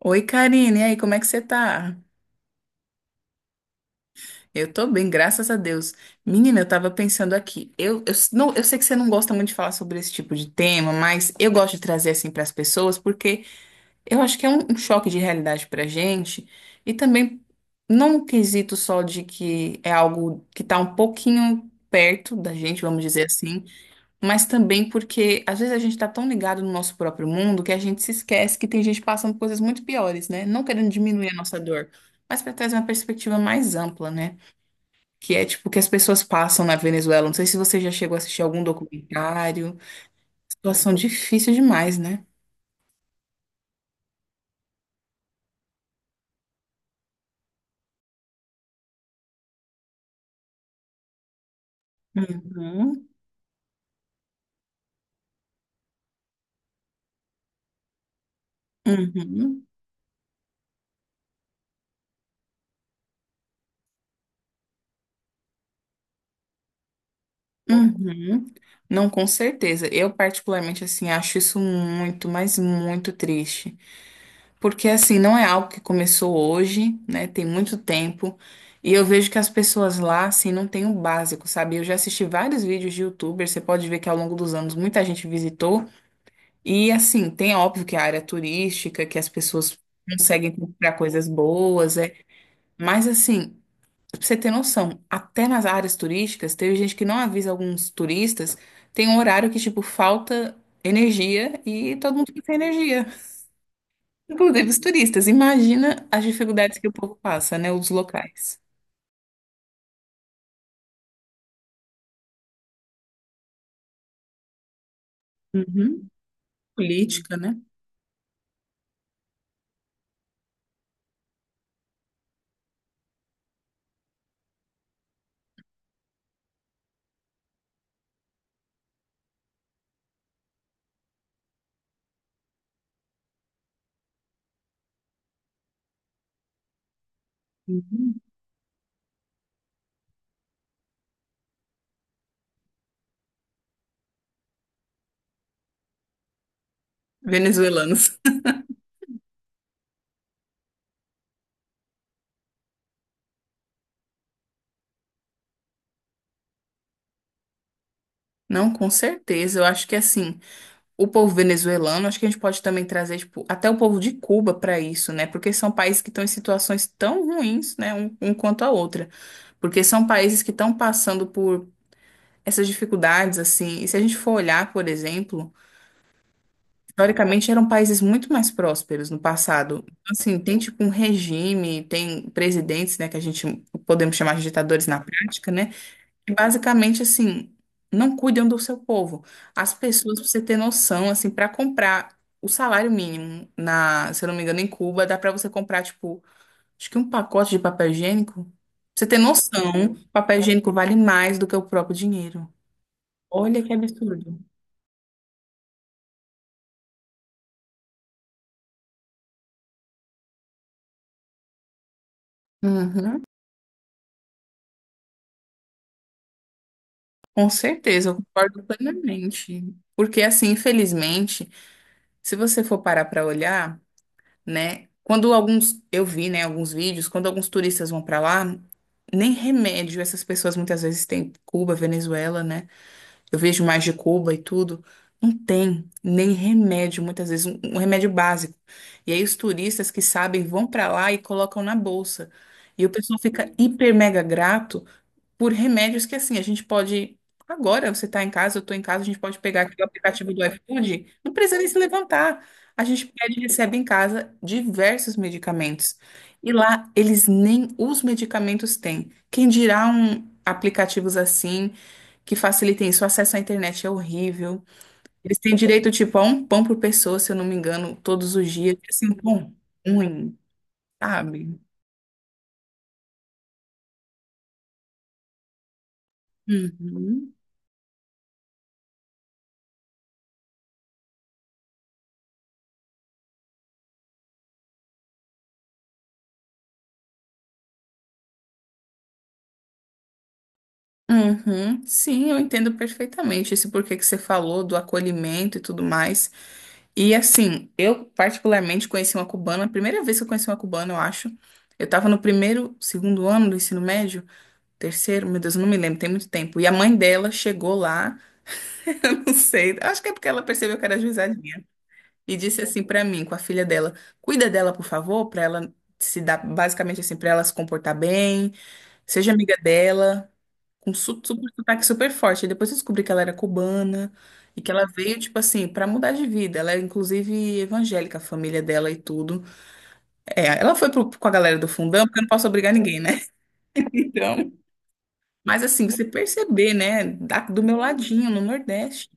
Oi, Karine, e aí, como é que você tá? Eu tô bem, graças a Deus. Menina, eu tava pensando aqui. Não, eu sei que você não gosta muito de falar sobre esse tipo de tema, mas eu gosto de trazer assim para as pessoas, porque eu acho que é um choque de realidade pra gente. E também, não um quesito só de que é algo que tá um pouquinho perto da gente, vamos dizer assim. Mas também porque às vezes a gente está tão ligado no nosso próprio mundo que a gente se esquece que tem gente passando coisas muito piores, né? Não querendo diminuir a nossa dor, mas para trazer uma perspectiva mais ampla, né? Que é tipo o que as pessoas passam na Venezuela. Não sei se você já chegou a assistir algum documentário. Situação difícil demais, né? Uhum, uhum, uhum. Não, com certeza. Eu particularmente assim acho isso muito, mas muito triste. Porque assim, não é algo que começou hoje, né? Tem muito tempo. E eu vejo que as pessoas lá, assim, não têm o básico, sabe? Eu já assisti vários vídeos de YouTubers, você pode ver que ao longo dos anos muita gente visitou. E assim, tem óbvio que a área turística, que as pessoas conseguem comprar coisas boas, é. Mas assim, pra você ter noção, até nas áreas turísticas, teve gente que não avisa alguns turistas, tem um horário que, tipo, falta energia e todo mundo fica sem energia. Inclusive os turistas. Imagina as dificuldades que o povo passa, né? Os locais. Uhum. Política, né? Uhum. Venezuelanos. Não, com certeza. Eu acho que assim, o povo venezuelano, acho que a gente pode também trazer, tipo, até o povo de Cuba para isso, né? Porque são países que estão em situações tão ruins, né, um quanto a outra. Porque são países que estão passando por essas dificuldades, assim. E se a gente for olhar, por exemplo. Historicamente eram países muito mais prósperos no passado. Então, assim, tem tipo um regime, tem presidentes, né, que a gente podemos chamar de ditadores na prática, né? Que basicamente assim, não cuidam do seu povo. As pessoas, pra você ter noção, assim, para comprar o salário mínimo na, se eu não me engano, em Cuba, dá para você comprar tipo, acho que um pacote de papel higiênico. Pra você ter noção, papel higiênico vale mais do que o próprio dinheiro. Uhum. Com certeza, eu concordo plenamente. Porque, assim, infelizmente, se você for parar para olhar, né, quando alguns, eu vi, né, alguns vídeos, quando alguns turistas vão para lá, nem remédio essas pessoas muitas vezes têm. Cuba, Venezuela, né? Eu vejo mais de Cuba e tudo. Não tem nem remédio, muitas vezes, um remédio básico. E aí os turistas que sabem vão para lá e colocam na bolsa. E o pessoal fica hiper mega grato por remédios que assim, a gente pode. Agora você está em casa, eu estou em casa, a gente pode pegar aqui o aplicativo do iFood, não precisa nem se levantar. A gente pede e recebe em casa diversos medicamentos. E lá eles nem os medicamentos têm. Quem dirá um aplicativos assim que facilitem isso? O acesso à internet é horrível. Eles têm direito, tipo, a um pão por pessoa, se eu não me engano, todos os dias. Assim, um pão ruim, sabe? Uhum. Uhum, sim, eu entendo perfeitamente esse porquê que você falou do acolhimento e tudo mais. E assim, eu particularmente conheci uma cubana, a primeira vez que eu conheci uma cubana, eu acho. Eu tava no primeiro, segundo ano do ensino médio, terceiro, meu Deus, eu não me lembro, tem muito tempo. E a mãe dela chegou lá, eu não sei, acho que é porque ela percebeu que era juizadinha, e disse assim pra mim, com a filha dela: "Cuida dela, por favor, pra ela se dar, basicamente assim, pra ela se comportar bem, seja amiga dela" com super sotaque super forte. E depois eu descobri que ela era cubana e que ela veio, tipo assim, pra mudar de vida. Ela é, inclusive, evangélica, a família dela e tudo. É, ela foi com a galera do fundão, porque eu não posso obrigar ninguém, né? Então. Mas assim, você perceber, né? Do meu ladinho, no Nordeste.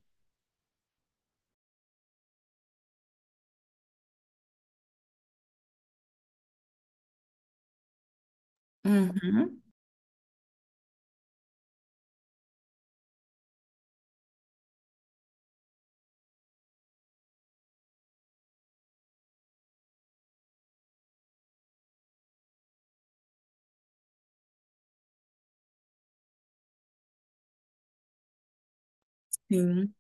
Uhum, sim.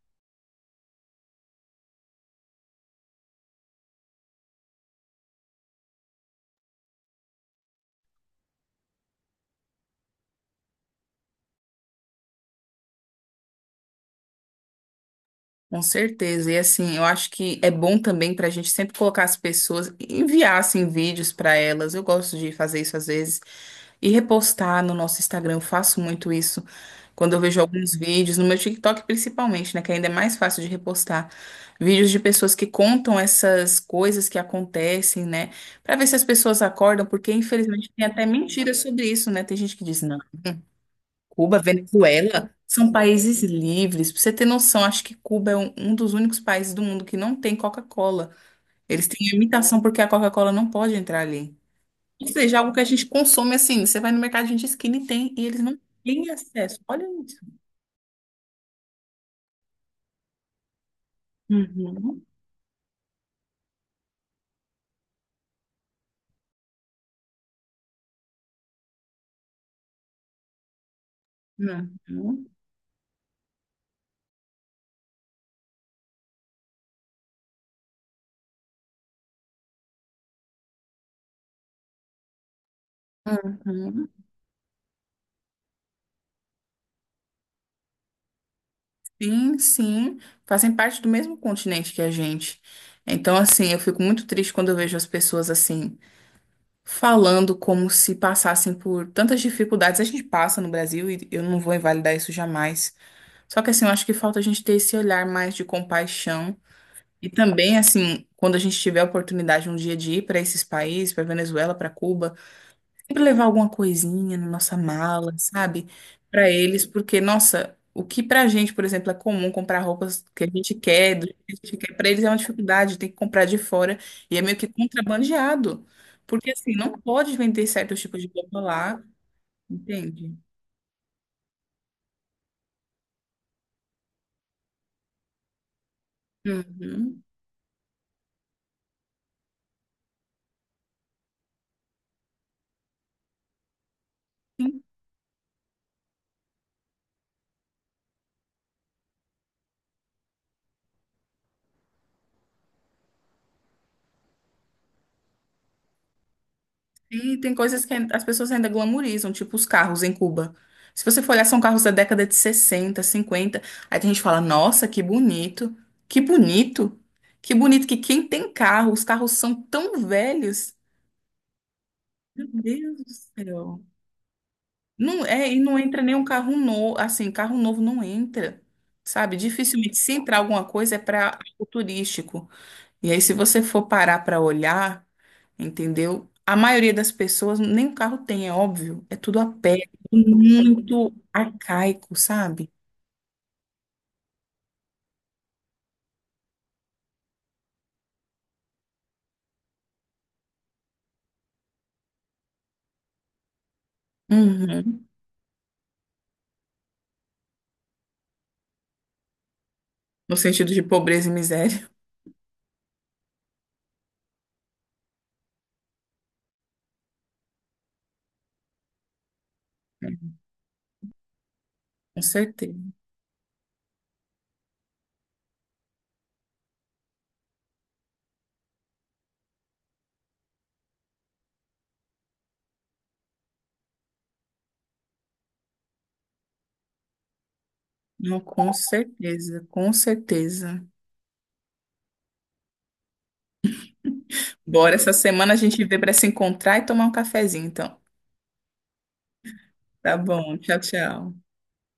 Com certeza. E assim, eu acho que é bom também para a gente sempre colocar as pessoas, enviar assim, vídeos para elas. Eu gosto de fazer isso às vezes e repostar no nosso Instagram. Eu faço muito isso quando eu vejo alguns vídeos, no meu TikTok principalmente, né? Que ainda é mais fácil de repostar. Vídeos de pessoas que contam essas coisas que acontecem, né? Para ver se as pessoas acordam, porque infelizmente tem até mentira sobre isso, né? Tem gente que diz, não. Cuba, Venezuela, são países livres. Pra você ter noção, acho que Cuba é um dos únicos países do mundo que não tem Coca-Cola. Eles têm limitação porque a Coca-Cola não pode entrar ali. Ou seja, é algo que a gente consome assim. Você vai no mercado de esquina e tem, e eles não têm acesso. Olha isso. Uhum, uhum, uhum. Sim, sim. Fazem parte do mesmo continente que a gente. Então, assim, eu fico muito triste quando eu vejo as pessoas assim falando como se passassem por tantas dificuldades. A gente passa no Brasil e eu não vou invalidar isso jamais. Só que assim, eu acho que falta a gente ter esse olhar mais de compaixão. E também, assim, quando a gente tiver a oportunidade um dia de ir para esses países, para Venezuela, para Cuba, sempre levar alguma coisinha na nossa mala, sabe? Pra eles, porque, nossa, o que pra gente, por exemplo, é comum comprar roupas que a gente quer, do jeito que a gente quer, pra eles é uma dificuldade, tem que comprar de fora e é meio que contrabandeado. Porque assim, não pode vender certos tipos de roupa lá, entende? Uhum. E tem coisas que as pessoas ainda glamorizam, tipo os carros em Cuba. Se você for olhar, são carros da década de 60, 50. Aí tem gente que fala, nossa, que bonito, que bonito, que bonito que quem tem carro, os carros são tão velhos. Meu Deus do céu. Não, é, e não entra nenhum carro novo, assim, carro novo não entra, sabe? Dificilmente, se entrar alguma coisa é para algo turístico. E aí, se você for parar para olhar, entendeu? A maioria das pessoas nem um carro tem, é óbvio. É tudo a pé, tudo muito arcaico, sabe? Uhum. No sentido de pobreza e miséria, com certeza. Não, com certeza, com certeza. Bora, essa semana a gente vê para se encontrar e tomar um cafezinho, então. Tá bom, tchau, tchau.